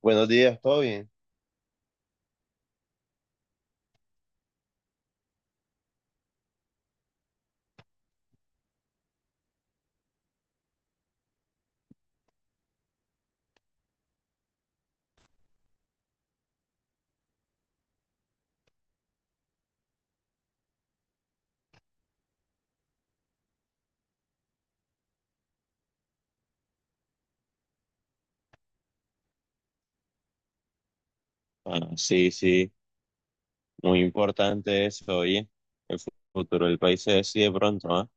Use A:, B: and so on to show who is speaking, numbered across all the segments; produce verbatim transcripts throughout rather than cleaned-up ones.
A: Buenos días, ¿todo bien? Ah, sí, sí, muy importante eso, oye, el fu- futuro del país se decide pronto, ¿ah?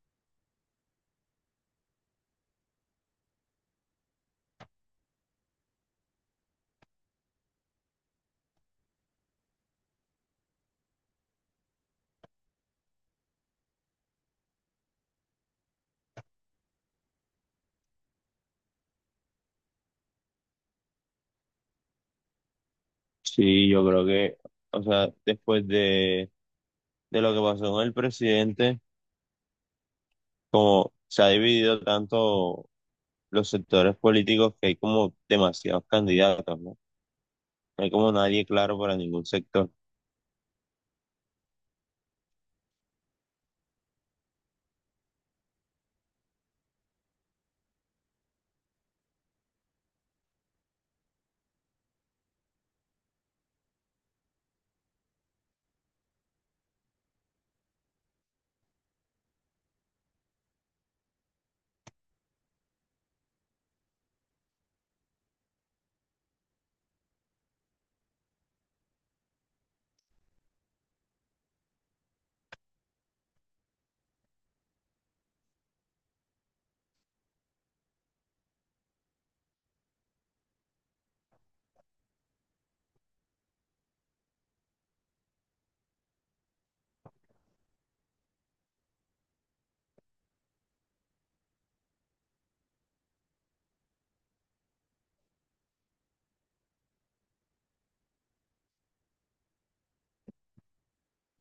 A: Sí, yo creo que, o sea, después de, de lo que pasó con el presidente, como se ha dividido tanto los sectores políticos que hay como demasiados candidatos, ¿no? No hay como nadie claro para ningún sector.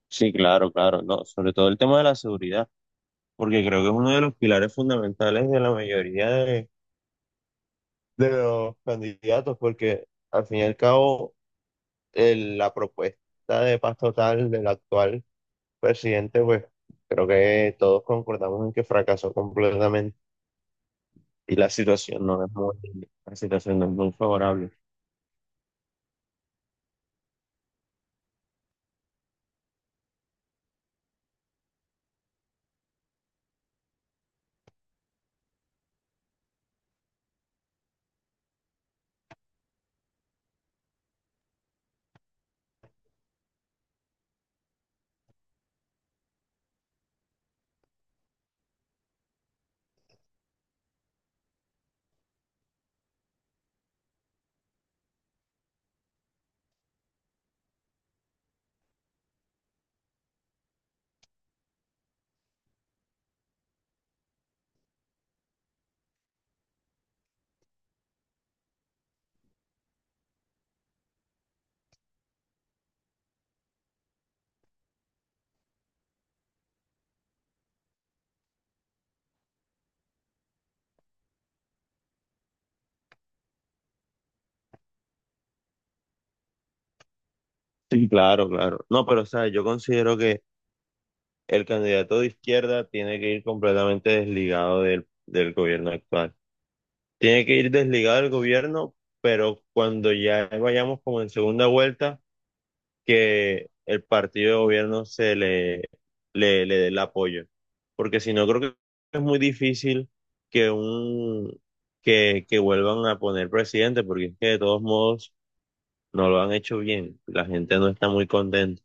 A: Sí, claro, claro, no, sobre todo el tema de la seguridad, porque creo que es uno de los pilares fundamentales de la mayoría de los candidatos, porque al fin y al cabo el- la propuesta de paz total del actual presidente, pues creo que todos concordamos en que fracasó completamente y la situación no es muy, la situación no es muy favorable. Sí, claro, claro. No, pero o sea, yo considero que el candidato de izquierda tiene que ir completamente desligado del, del gobierno actual. Tiene que ir desligado del gobierno, pero cuando ya vayamos como en segunda vuelta que el partido de gobierno se le, le, le dé el apoyo. Porque si no, creo que es muy difícil que un que, que vuelvan a poner presidente, porque es que de todos modos no lo han hecho bien. La gente no está muy contenta.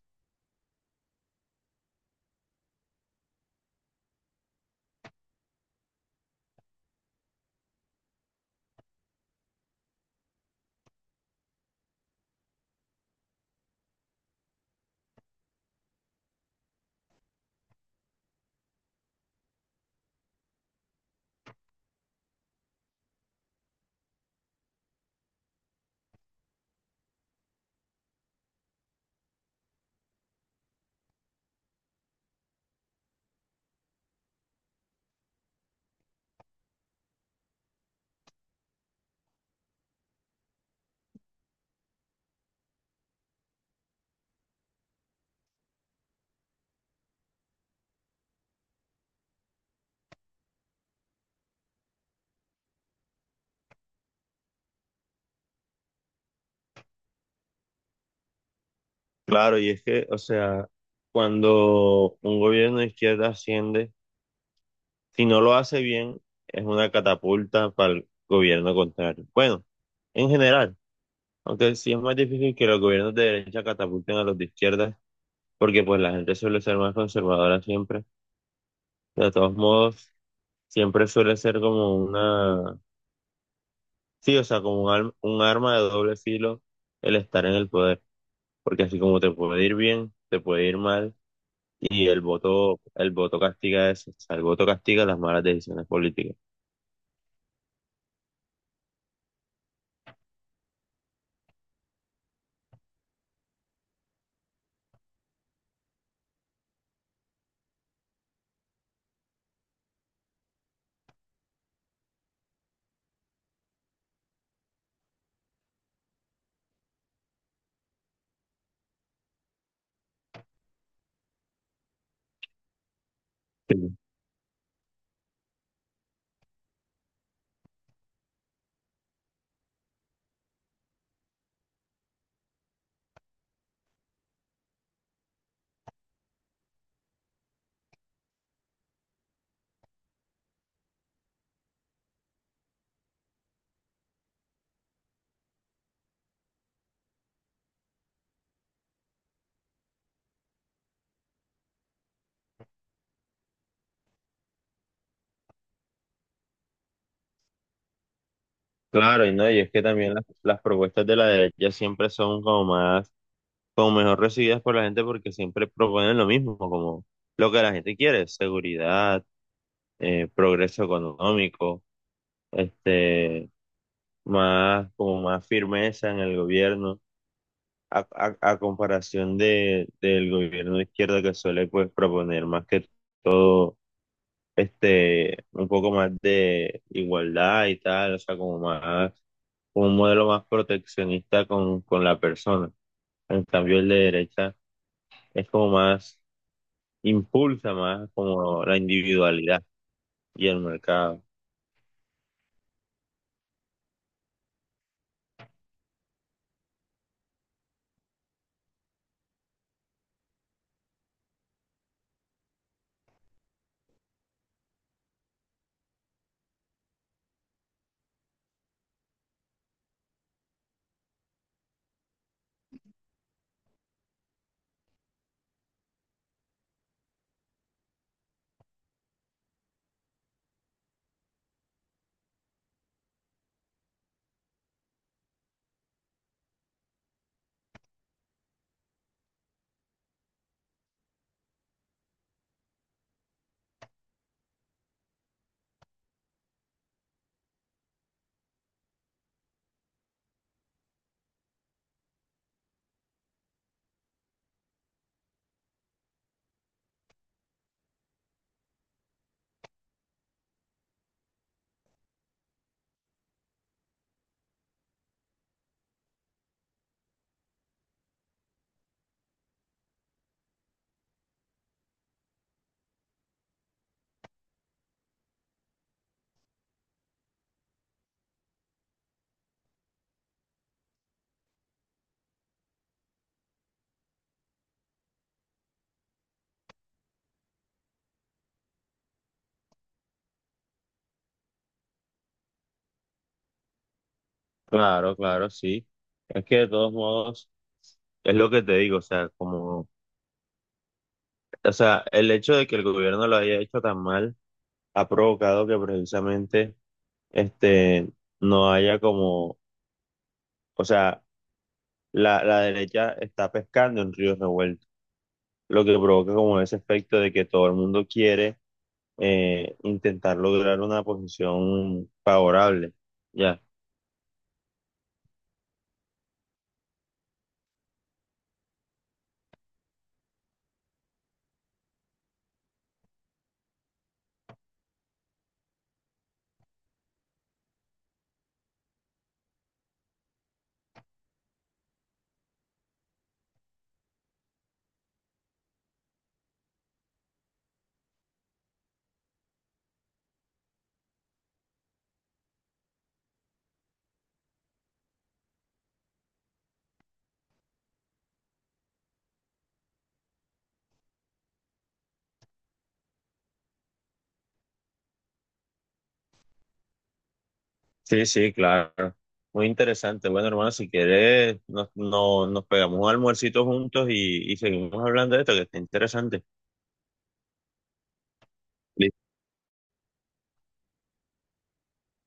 A: Claro, y es que, o sea, cuando un gobierno de izquierda asciende, si no lo hace bien, es una catapulta para el gobierno contrario. Bueno, en general, aunque sí es más difícil que los gobiernos de derecha catapulten a los de izquierda, porque pues la gente suele ser más conservadora siempre. De todos modos, siempre suele ser como una, sí, o sea, como un, al- un arma de doble filo el estar en el poder, porque así como te puede ir bien, te puede ir mal, y el voto, el voto castiga eso, o sea, el voto castiga las malas decisiones políticas. Sí. Claro, y no, y es que también las, las propuestas de la derecha siempre son como más, como mejor recibidas por la gente porque siempre proponen lo mismo, como lo que la gente quiere, seguridad, eh, progreso económico, este, más, como más firmeza en el gobierno, a, a- a comparación de, del gobierno de izquierda que suele pues proponer más que todo, este, un poco más de igualdad y tal, o sea, como más, como un modelo más proteccionista con, con la persona. En cambio, el de derecha es como más, impulsa más como la individualidad y el mercado. Claro, claro, sí. Es que de todos modos, es lo que te digo, o sea, como, o sea, el hecho de que el gobierno lo haya hecho tan mal ha provocado que precisamente, este, no haya como, o sea, la, la derecha está pescando en ríos revueltos, lo que provoca como ese efecto de que todo el mundo quiere eh, intentar lograr una posición favorable, ya. Sí, sí, claro. Muy interesante. Bueno, hermano, si quieres, nos, no- nos pegamos un almuercito juntos y, y seguimos hablando de esto, que está interesante.